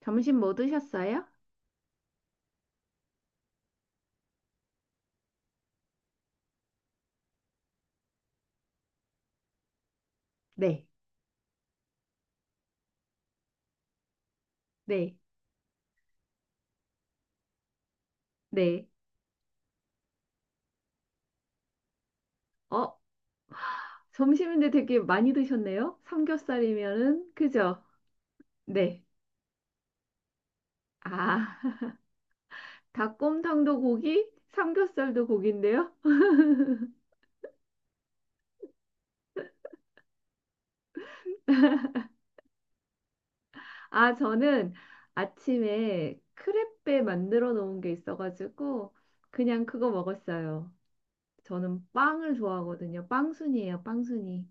점심 뭐 드셨어요? 네, 네, 네. 어, 점심인데 되게 많이 드셨네요? 삼겹살이면은, 그죠? 네. 아, 닭곰탕도 고기, 삼겹살도 고기인데요? 아, 저는 아침에 크레페 만들어 놓은 게 있어가지고, 그냥 그거 먹었어요. 저는 빵을 좋아하거든요. 빵순이에요, 빵순이.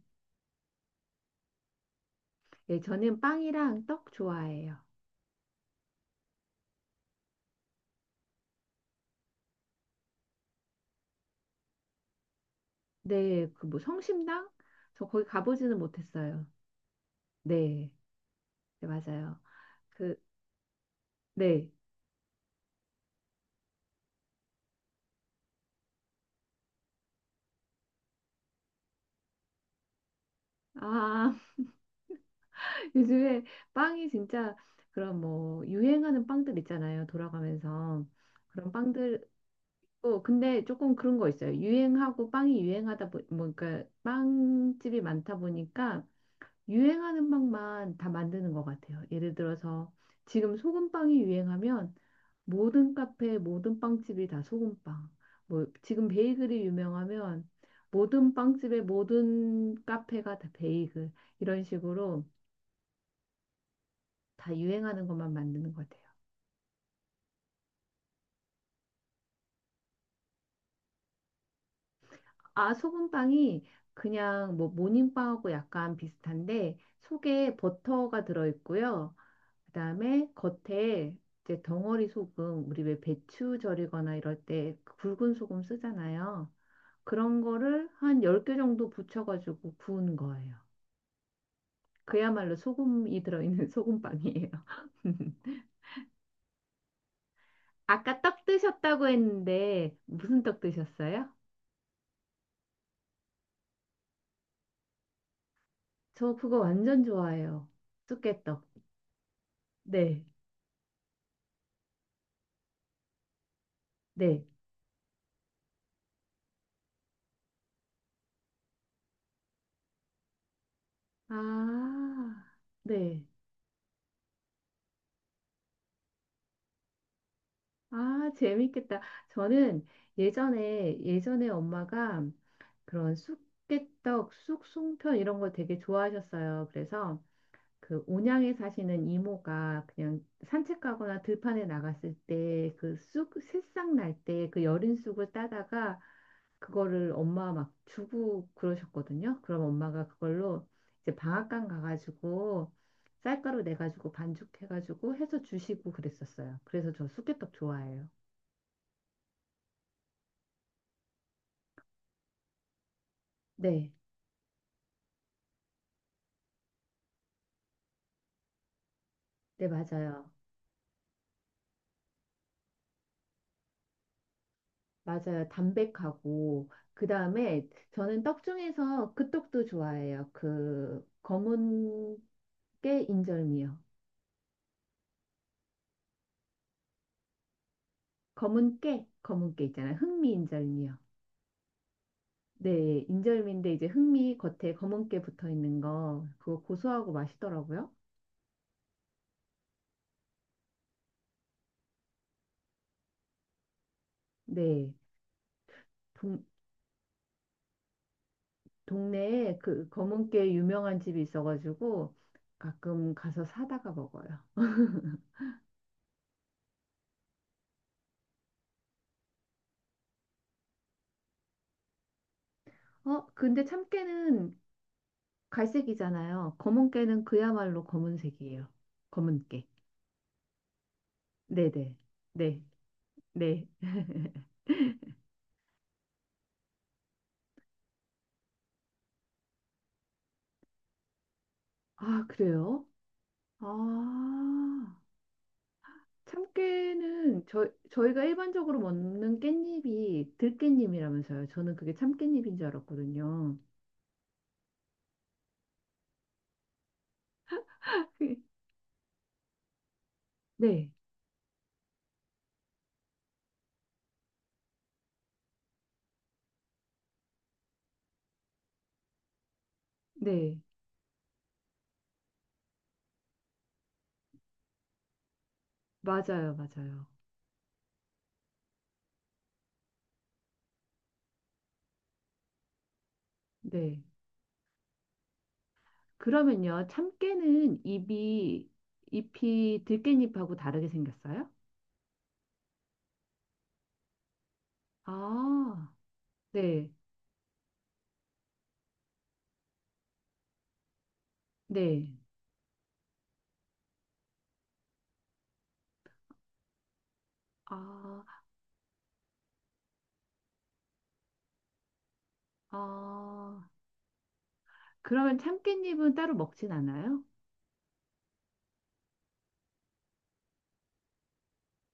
예, 저는 빵이랑 떡 좋아해요. 네, 그 뭐 성심당? 저 거기 가보지는 못했어요. 네. 네, 맞아요. 그, 네. 아, 요즘에 빵이 진짜 그런 뭐 유행하는 빵들 있잖아요. 돌아가면서 그런 빵들. 어, 근데 조금 그런 거 있어요. 유행하고 빵이 유행하다 보, 뭐, 그러니까 빵집이 많다 보니까 유행하는 빵만 다 만드는 것 같아요. 예를 들어서 지금 소금빵이 유행하면 모든 카페, 모든 빵집이 다 소금빵. 뭐 지금 베이글이 유명하면 모든 빵집에 모든 카페가 다 베이글. 이런 식으로 다 유행하는 것만 만드는 것 같아요. 아, 소금빵이 그냥 뭐 모닝빵하고 약간 비슷한데 속에 버터가 들어있고요. 그다음에 겉에 이제 덩어리 소금, 우리 왜 배추 절이거나 이럴 때 굵은 소금 쓰잖아요. 그런 거를 한 10개 정도 붙여가지고 구운 거예요. 그야말로 소금이 들어있는 소금빵이에요. 아까 떡 드셨다고 했는데 무슨 떡 드셨어요? 저 그거 완전 좋아해요. 쑥개떡. 네, 네. 아, 네. 아, 재밌겠다. 저는 예전에, 예전에 엄마가 그런 쑥개떡, 쑥송편 이런 거 되게 좋아하셨어요. 그래서 그 온양에 사시는 이모가 그냥 산책 가거나 들판에 나갔을 때 그 쑥 새싹 날 때 그 여린 쑥을 따다가 그거를 엄마 막 주고 그러셨거든요. 그럼 엄마가 그걸로 이제 방앗간 가가지고 쌀가루 내가지고 반죽해가지고 해서 주시고 그랬었어요. 그래서 저 쑥개떡 좋아해요. 네, 네, 맞아요. 맞아요. 담백하고 그다음에 저는 떡 중에서 그 떡도 좋아해요. 그 검은 깨 인절미요. 검은 깨, 검은 깨 있잖아요. 흑미 인절미요. 네, 인절미인데 이제 흑미 겉에 검은 깨 붙어 있는 거 그거 고소하고 맛있더라고요. 네, 동, 동네에 그 검은 깨 유명한 집이 있어가지고 가끔 가서 사다가 먹어요. 어, 근데 참깨는 갈색이잖아요. 검은깨는 그야말로 검은색이에요. 검은깨. 네네. 네. 네. 아, 그래요? 아, 참깨는 저, 저희가 일반적으로 먹는 깻잎이 들깻잎이라면서요. 저는 그게 참깻잎인 줄 알았거든요. 네. 네. 맞아요. 맞아요. 네. 그러면요. 참깨는 잎이, 잎이 들깻잎하고 다르게 생겼어요? 아, 네. 네. 아. 아, 그러면 참깨잎은 따로 먹진 않아요?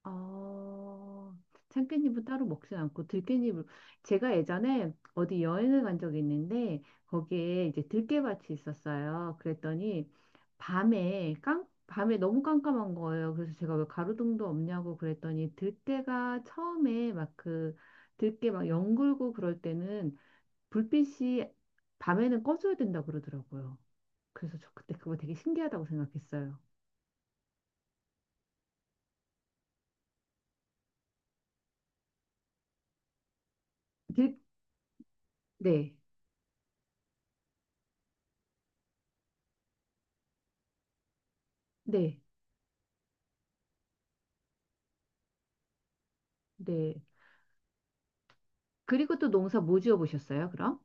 아, 참깨잎은 따로 먹진 않고 들깨잎을 제가 예전에 어디 여행을 간 적이 있는데 거기에 이제 들깨밭이 있었어요. 그랬더니 밤에 깜 밤에 너무 깜깜한 거예요. 그래서 제가 왜 가로등도 없냐고 그랬더니 들깨가 처음에 막 그 들깨 막 연글고 그럴 때는 불빛이 밤에는 꺼져야 된다 그러더라고요. 그래서 저 그때 그거 되게 신기하다고 생각했어요. 네, 네, 네, 네. 그리고 또 농사 뭐 지어 보셨어요, 그럼?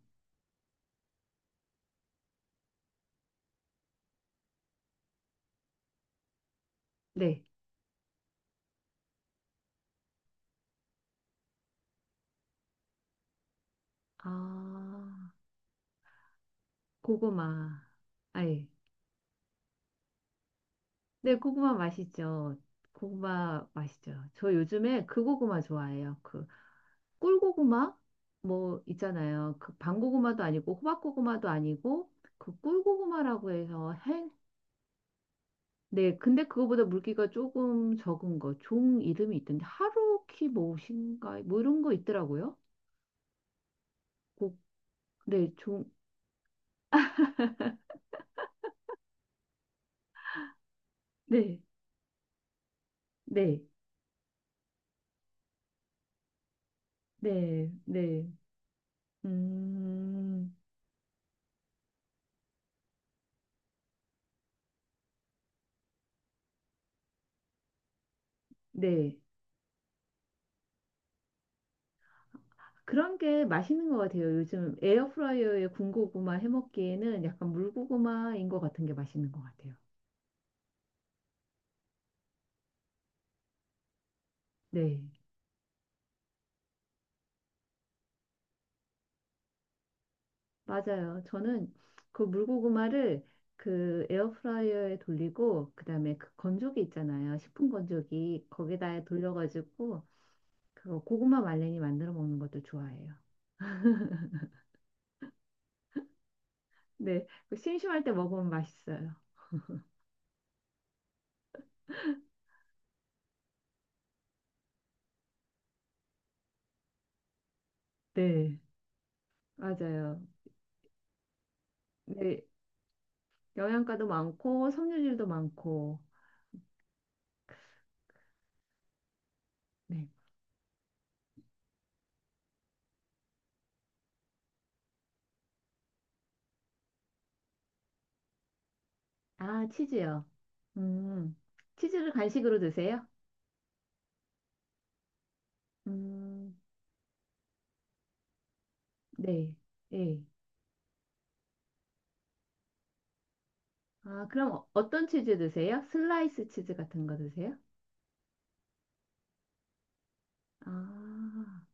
네. 아, 고구마. 아예. 네, 고구마 맛있죠. 고구마 맛있죠. 저 요즘에 그 고구마 좋아해요. 그 꿀고구마 뭐 있잖아요. 그 밤고구마도 아니고 호박고구마도 아니고 그 꿀고구마라고 해서 해. 네, 근데 그거보다 물기가 조금 적은 거, 종 이름이 있던데 하루키 무엇인가 뭐 이런 거 있더라고요. 고- 네, 종 네, 네, 네, 네. 음, 네. 그런 게 맛있는 것 같아요. 요즘 에어프라이어에 군고구마 해먹기에는 약간 물고구마인 것 같은 게 맛있는 것 같아요. 네, 맞아요. 저는 그 물고구마를 그 에어프라이어에 돌리고 그다음에 그 건조기 있잖아요. 식품 건조기 거기다 돌려가지고 그거 고구마 말랭이 만들어 먹는 것도 좋아해요. 네, 그 심심할 때 먹으면 맛있어요. 네, 맞아요. 네, 영양가도 많고 섬유질도 많고. 네. 아, 치즈요. 음. 치즈를 간식으로 드세요? 음. 네. 예. 아, 그럼 어- 어떤 치즈 드세요? 슬라이스 치즈 같은 거 드세요? 아.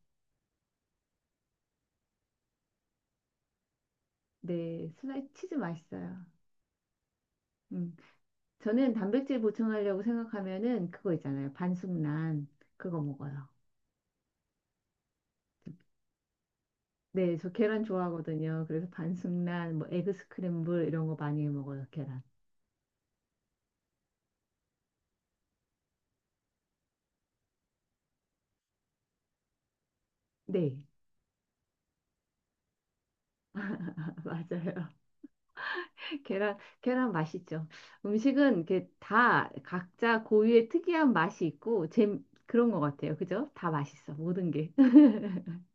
네. 슬라이스 치즈 맛있어요. 음. 저는 단백질 보충하려고 생각하면은 그거 있잖아요. 반숙란 그거 먹어요. 네, 저 계란 좋아하거든요. 그래서 반숙란, 뭐 에그 스크램블 이런 거 많이 먹어요, 계란. 네, 맞아요. 계란, 계란 맛있죠. 음식은 이렇게 다 각자 고유의 특이한 맛이 있고, 제 그런 것 같아요. 그죠? 다 맛있어. 모든 게.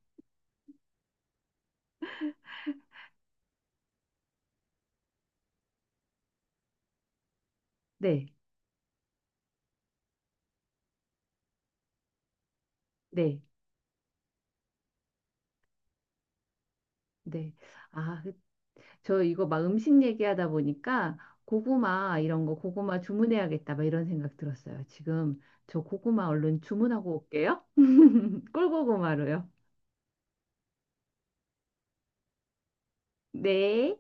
네, 네, 네. 아, 그- 저 이거 막 음식 얘기하다 보니까 고구마 이런 거 고구마 주문해야겠다. 막 이런 생각 들었어요. 지금 저 고구마 얼른 주문하고 올게요. 꿀고구마로요. 네.